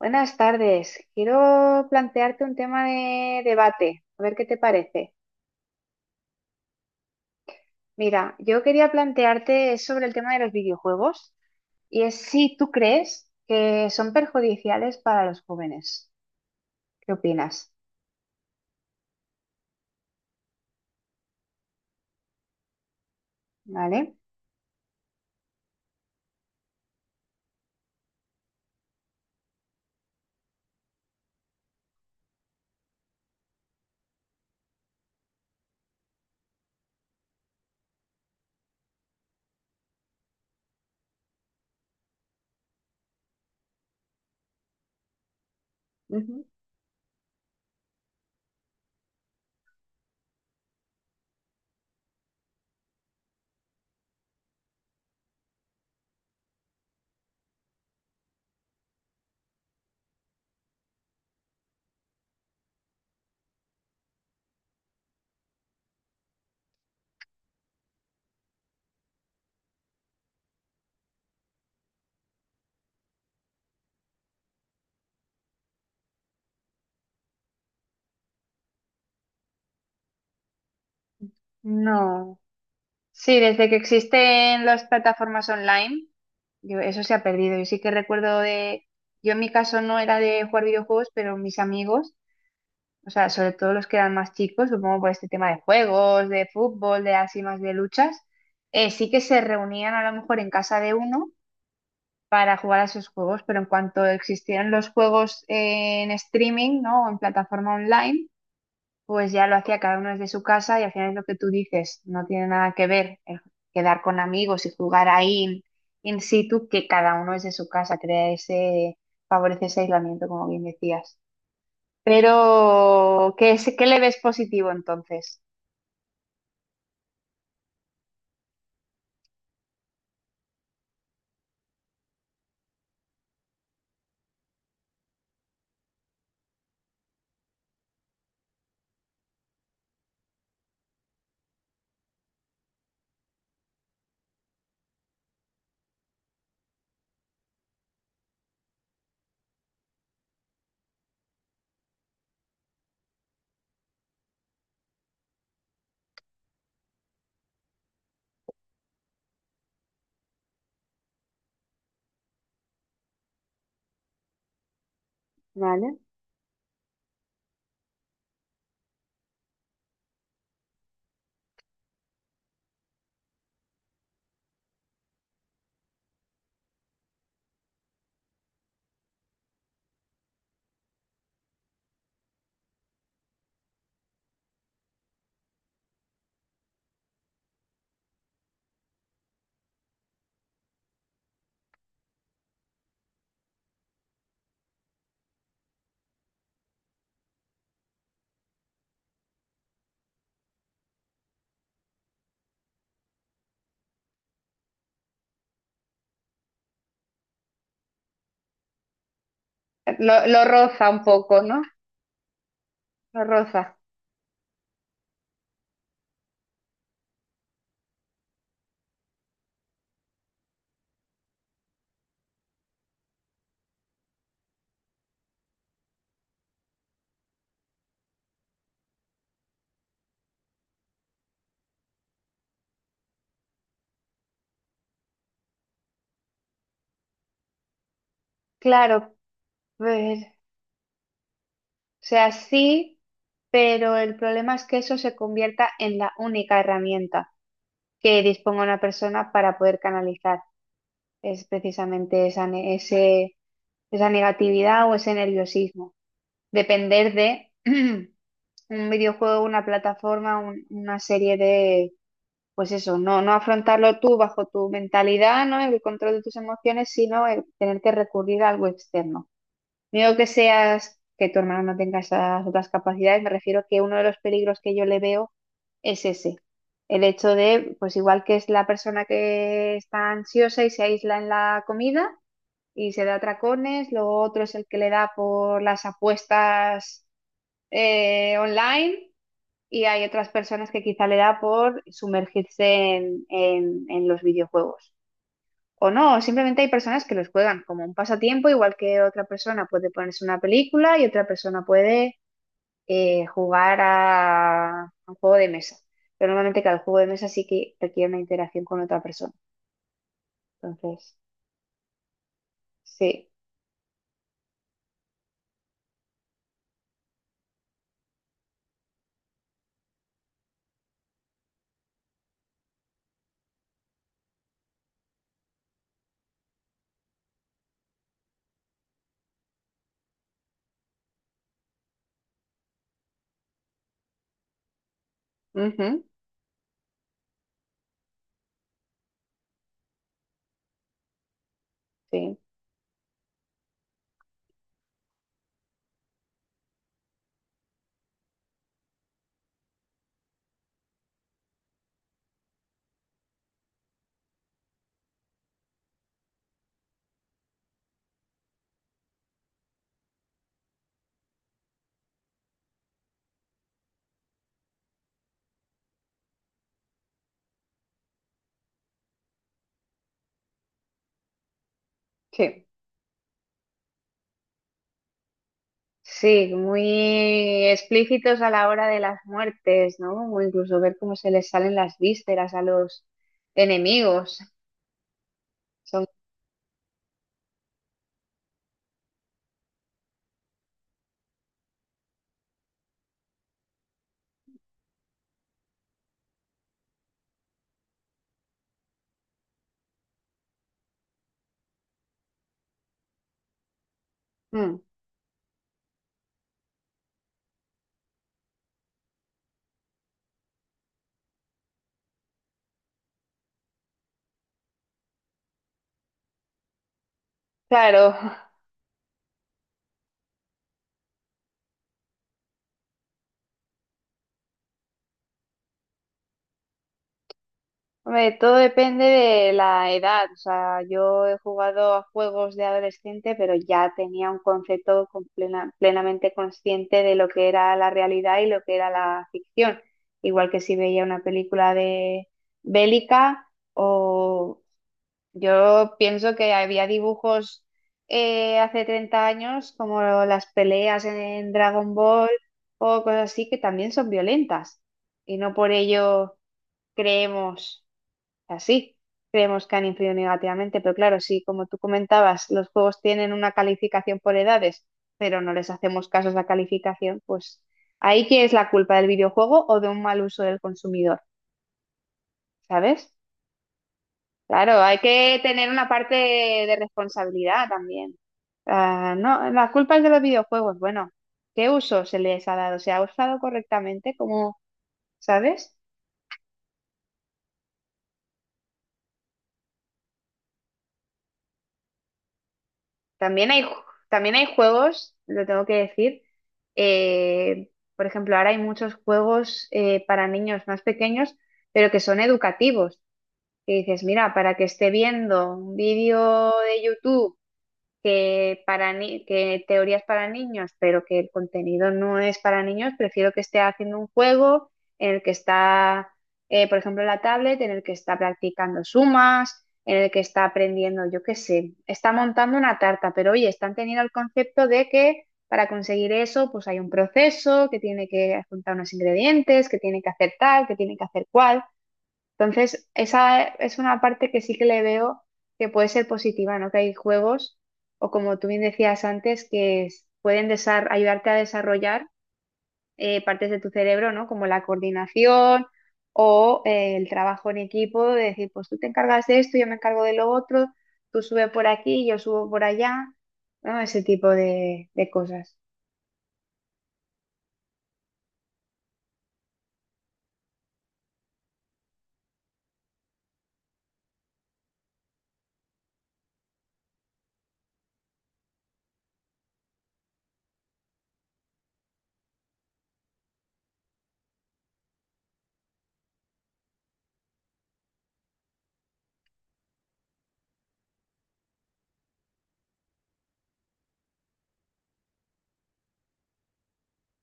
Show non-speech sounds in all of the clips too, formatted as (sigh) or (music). Buenas tardes. Quiero plantearte un tema de debate, a ver qué te parece. Mira, yo quería plantearte sobre el tema de los videojuegos y es si tú crees que son perjudiciales para los jóvenes. ¿Qué opinas? ¿Vale? Ujú. No. Sí, desde que existen las plataformas online, eso se ha perdido. Yo sí que recuerdo de, Yo en mi caso no era de jugar videojuegos, pero mis amigos. O sea, sobre todo los que eran más chicos, supongo por este tema de juegos, de fútbol, de así más de luchas, sí que se reunían a lo mejor en casa de uno para jugar a esos juegos, pero en cuanto existieron los juegos en streaming, ¿no? O en plataforma online, pues ya lo hacía cada uno desde su casa y al final es lo que tú dices, no tiene nada que ver el quedar con amigos y jugar ahí in situ, que cada uno desde su casa, crea ese, favorece ese aislamiento, como bien decías. Pero, ¿ qué le ves positivo entonces? ¿Vale? Lo roza un poco, ¿no? Lo roza. Claro, ver, o sea, sí, pero el problema es que eso se convierta en la única herramienta que disponga una persona para poder canalizar. Es precisamente esa negatividad o ese nerviosismo. Depender de (clears throat) un videojuego, una plataforma, una serie, pues eso, no, no afrontarlo tú bajo tu mentalidad, ¿no? El control de tus emociones, sino el tener que recurrir a algo externo. No que seas, que tu hermano no tenga esas otras capacidades, me refiero que uno de los peligros que yo le veo es ese. El hecho de, pues igual que es la persona que está ansiosa y se aísla en la comida y se da atracones, lo otro es el que le da por las apuestas online, y hay otras personas que quizá le da por sumergirse en los videojuegos. O no, simplemente hay personas que los juegan como un pasatiempo, igual que otra persona puede ponerse una película y otra persona puede jugar a un juego de mesa. Pero normalmente cada juego de mesa sí que requiere una interacción con otra persona. Entonces, sí. Ujú, sí, sí. Sí, muy explícitos a la hora de las muertes, ¿no? O incluso ver cómo se les salen las vísceras a los enemigos. Son, Mm, claro. (laughs) Hombre, todo depende de la edad. O sea, yo he jugado a juegos de adolescente, pero ya tenía un concepto con plenamente consciente de lo que era la realidad y lo que era la ficción. Igual que si veía una película de bélica o... Yo pienso que había dibujos hace 30 años, como las peleas en Dragon Ball o cosas así, que también son violentas. Y no por ello creemos así, creemos que han influido negativamente. Pero claro, sí, como tú comentabas, los juegos tienen una calificación por edades, pero no les hacemos caso a esa calificación, pues ahí que es la culpa del videojuego o de un mal uso del consumidor, ¿sabes? Claro, hay que tener una parte de responsabilidad también. Ah, no, las culpas de los videojuegos. Bueno, ¿qué uso se les ha dado? ¿Se ha usado correctamente? Como, ¿sabes? También hay, también hay juegos, lo tengo que decir. eh, por ejemplo, ahora hay muchos juegos para niños más pequeños, pero que son educativos. Que dices, mira, para que esté viendo un vídeo de YouTube que, para que teorías para niños, pero que el contenido no es para niños, prefiero que esté haciendo un juego en el que está, por ejemplo, la tablet, en el que está practicando sumas, en el que está aprendiendo, yo qué sé, está montando una tarta, pero oye, están teniendo el concepto de que para conseguir eso, pues hay un proceso, que tiene que juntar unos ingredientes, que tiene que hacer tal, que tiene que hacer cual. Entonces, esa es una parte que sí que le veo que puede ser positiva, ¿no? Que hay juegos, o como tú bien decías antes, pueden ayudarte a desarrollar partes de tu cerebro, ¿no? Como la coordinación o el trabajo en equipo, de decir, pues tú te encargas de esto, yo me encargo de lo otro, tú sube por aquí, yo subo por allá, ¿no? Ese tipo de cosas.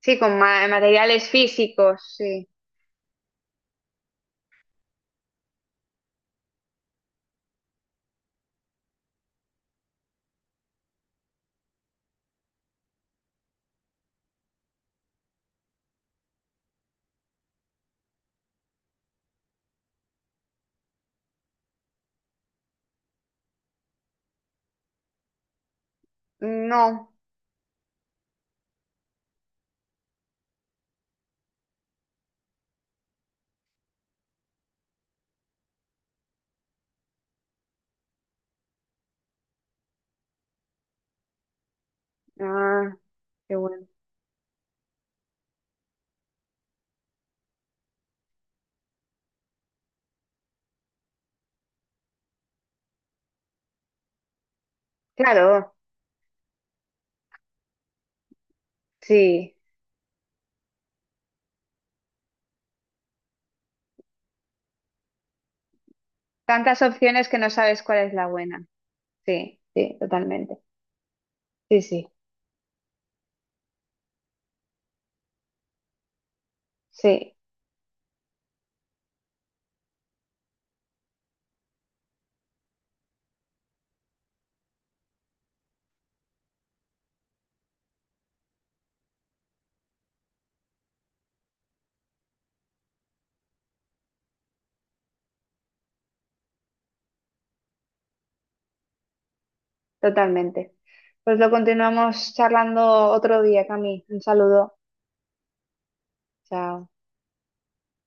Sí, con materiales físicos, sí. No. Ah, qué bueno. Claro, sí. Tantas opciones que no sabes cuál es la buena. Sí, sí, totalmente. Sí, sí, sí, totalmente. Pues lo continuamos charlando otro día, Cami. Un saludo. Chao.